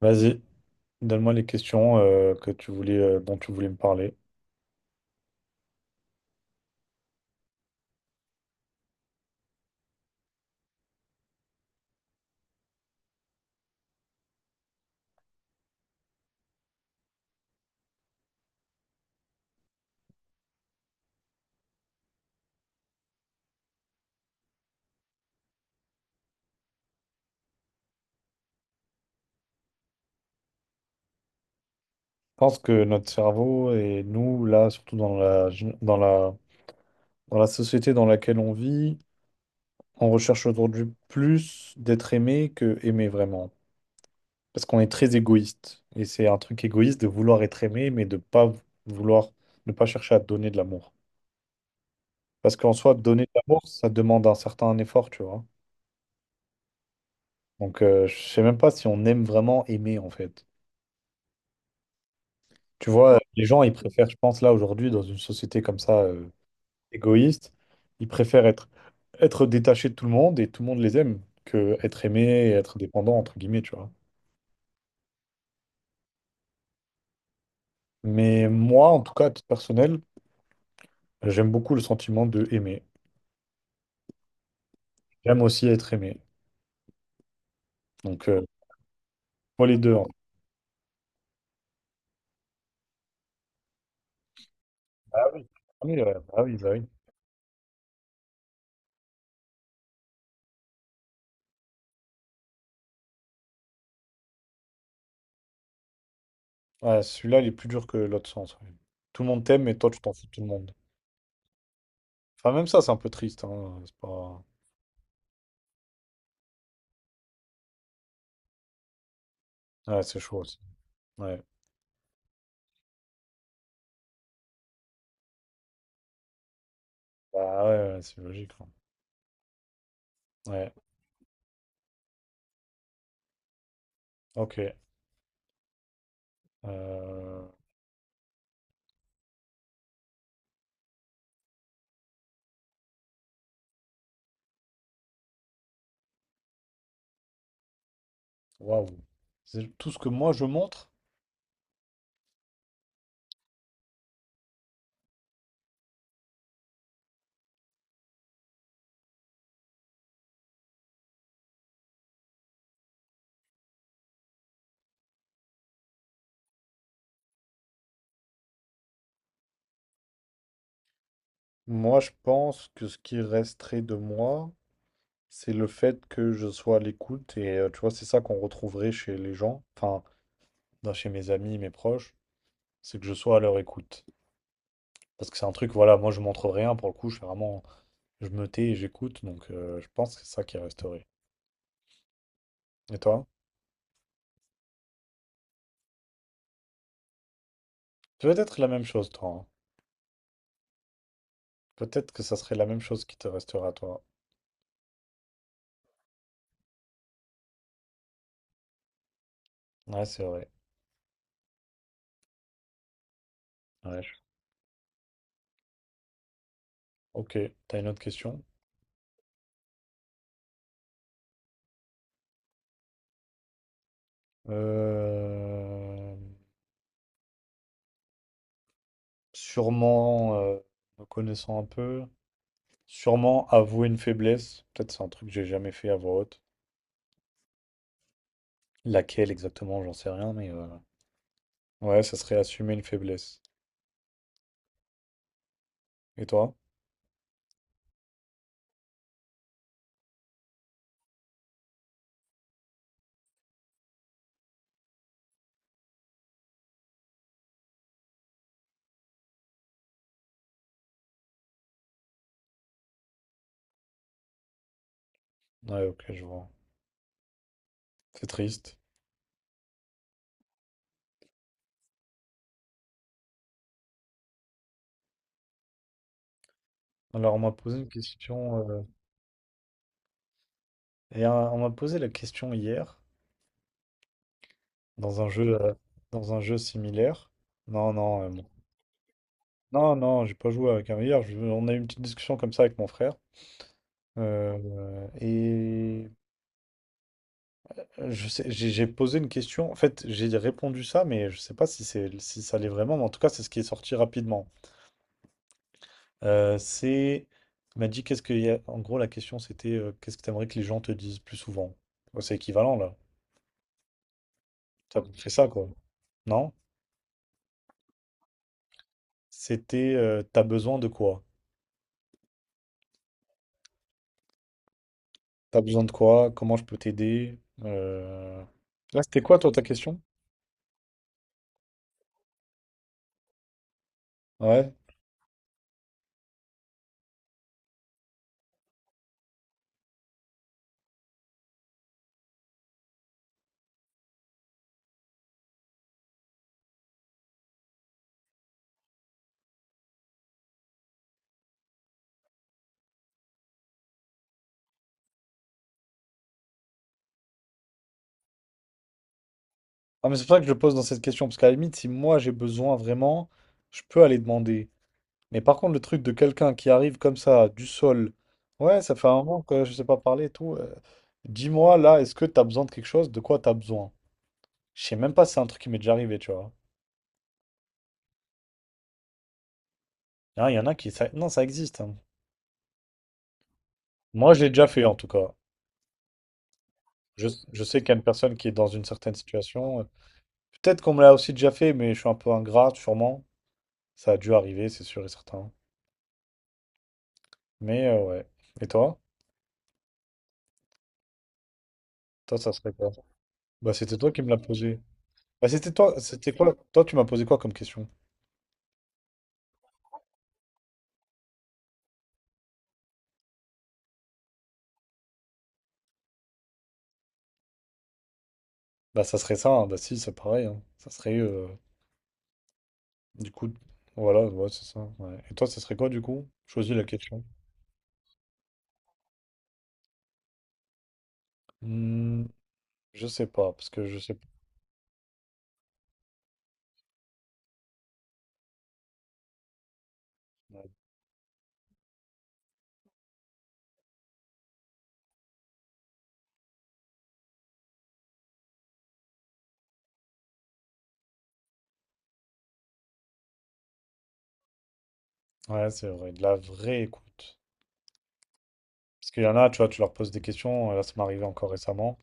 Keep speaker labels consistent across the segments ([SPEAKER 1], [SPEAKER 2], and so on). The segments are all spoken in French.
[SPEAKER 1] Vas-y, donne-moi les questions que tu voulais, dont tu voulais me parler. Je pense que notre cerveau et nous, là, surtout dans la dans la société dans laquelle on vit, on recherche aujourd'hui plus d'être aimé que aimer vraiment. Parce qu'on est très égoïste. Et c'est un truc égoïste de vouloir être aimé, mais de pas vouloir, ne pas chercher à donner de l'amour. Parce qu'en soi, donner de l'amour, ça demande un certain effort, tu vois. Donc, je sais même pas si on aime vraiment aimer, en fait. Tu vois, les gens, ils préfèrent, je pense, là, aujourd'hui, dans une société comme ça, égoïste, ils préfèrent être, être détachés de tout le monde et tout le monde les aime que être aimé et être dépendant, entre guillemets, tu vois. Mais moi, en tout cas, à titre personnel, j'aime beaucoup le sentiment de aimer. J'aime aussi être aimé. Donc, moi, les deux, en fait. Ah oui, ah oui, ouais, bah oui, bah oui. Ouais, celui-là, il est plus dur que l'autre sens, ouais. Tout le monde t'aime, mais toi, tu t'en fous de tout le monde. Enfin, même ça, c'est un peu triste, hein. C'est pas... Ouais, c'est chaud aussi. Ouais. Bah ouais, ouais, c'est logique, hein. Ouais. Ok. euh, Waouh. C'est tout ce que moi je montre. Moi, je pense que ce qui resterait de moi, c'est le fait que je sois à l'écoute. Et tu vois, c'est ça qu'on retrouverait chez les gens, enfin, chez mes amis, mes proches, c'est que je sois à leur écoute. Parce que c'est un truc, voilà, moi je montre rien pour le coup, je fais vraiment, je me tais et j'écoute. Donc, je pense que c'est ça qui resterait. Et toi? Peut-être la même chose, toi, hein. Peut-être que ça serait la même chose qui te restera, toi. Ouais, c'est vrai. Ouais. Ok. T'as une autre question? Euh, sûrement, me connaissant un peu, sûrement avouer une faiblesse. Peut-être c'est un truc que j'ai jamais fait à voix haute. Laquelle exactement, j'en sais rien, mais ouais, ça serait assumer une faiblesse. Et toi? Ouais, ok, je vois. C'est triste. Alors, on m'a posé une question, on m'a posé la question hier dans un jeu, euh, dans un jeu similaire. Non, non, bon. Non, non, j'ai pas joué avec un meilleur. On a eu une petite discussion comme ça avec mon frère. Euh, et Je sais, j'ai posé une question. En fait, j'ai répondu ça, mais je sais pas si c'est si ça l'est vraiment. Mais en tout cas, c'est ce qui est sorti rapidement. Euh, c'est, il m'a dit qu'est-ce qu'il y a. En gros, la question c'était qu'est-ce que t'aimerais que les gens te disent plus souvent? Ouais, c'est équivalent là. Ça fait ça quoi. Non? C'était t'as besoin de quoi? T'as besoin de quoi? Comment je peux t'aider? Euh, Là, c'était quoi toi ta question? Ouais. Ah, mais c'est pour ça que je le pose dans cette question parce qu'à la limite, si moi j'ai besoin vraiment, je peux aller demander. Mais par contre, le truc de quelqu'un qui arrive comme ça, du sol, ouais, ça fait un moment que je sais pas parler et tout, dis-moi là, est-ce que t'as besoin de quelque chose? De quoi t'as besoin? Je sais même pas si c'est un truc qui m'est déjà arrivé, tu vois. Hein, il y en a qui. Non, ça existe, hein. Moi, je l'ai déjà fait en tout cas. Je, je sais qu'il y a une personne qui est dans une certaine situation. Peut-être qu'on me l'a aussi déjà fait, mais je suis un peu ingrat, sûrement. Ça a dû arriver, c'est sûr et certain. Mais ouais. Et toi? Toi, ça serait quoi? Bah, c'était toi qui me l'as posé. Bah, c'était toi, c'était quoi? Toi, tu m'as posé quoi comme question? Bah ça serait ça, hein. Bah si, c'est pareil, hein. Ça serait du coup, voilà, ouais, c'est ça, ouais. Et toi, ça serait quoi du coup? Choisis la question. Hmm, je sais pas, parce que je sais pas. Ouais. Ouais, c'est vrai, de la vraie écoute. Parce qu'il y en a, tu vois, tu leur poses des questions, là ça m'est arrivé encore récemment.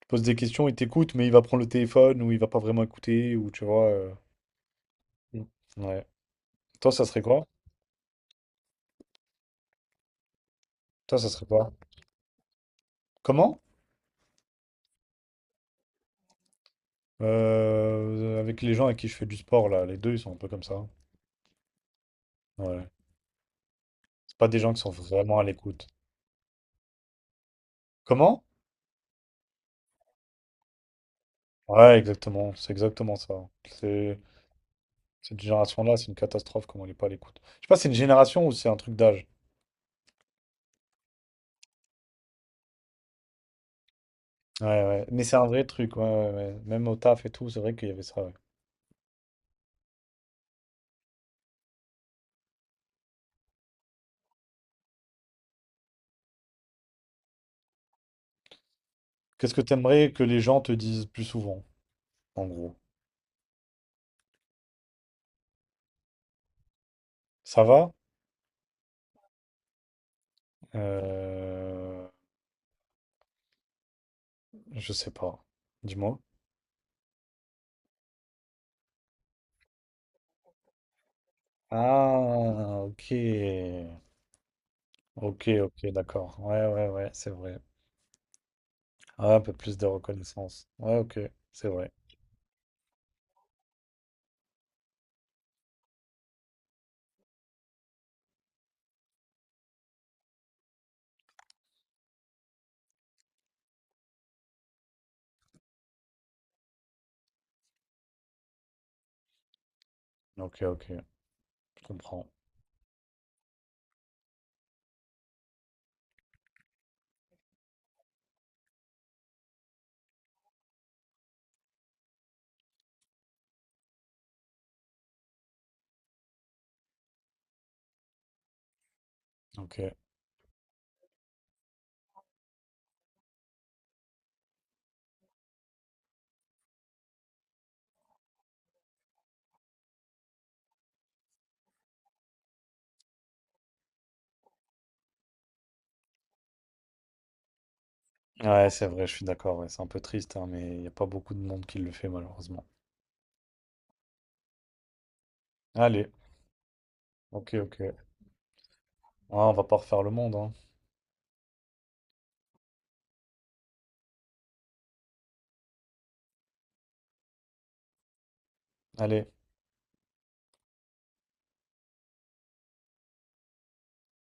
[SPEAKER 1] Tu poses des questions, il t'écoute, mais il va prendre le téléphone ou il va pas vraiment écouter, ou tu vois. Mm. Ouais. Toi, ça serait quoi? Toi, ça serait quoi? Comment? Avec les gens avec qui je fais du sport, là, les deux, ils sont un peu comme ça. Ouais. C'est pas des gens qui sont vraiment à l'écoute. Comment? Ouais, exactement, c'est exactement ça. C'est cette génération-là, c'est une catastrophe comment elle n'est pas à l'écoute. Je sais pas, c'est une génération ou c'est un truc d'âge. Ouais, ouais, mais c'est un vrai truc, ouais, ouais, ouais. Même au taf et tout, c'est vrai qu'il y avait ça, ouais. Qu'est-ce que t'aimerais que les gens te disent plus souvent, en gros? Ça va? Euh... Je sais pas. Dis-moi. Ah, ok. Ok, ok, d'accord. Ouais, ouais, ouais, c'est vrai. Ah, un peu plus de reconnaissance. Ouais, ok, c'est vrai. Ok, ok, je comprends. Ok. Ouais, c'est vrai, je suis d'accord, ouais. C'est un peu triste, hein, mais il n'y a pas beaucoup de monde qui le fait, malheureusement. Allez, ok, ok. Ah, on va pas refaire le monde, hein. Allez.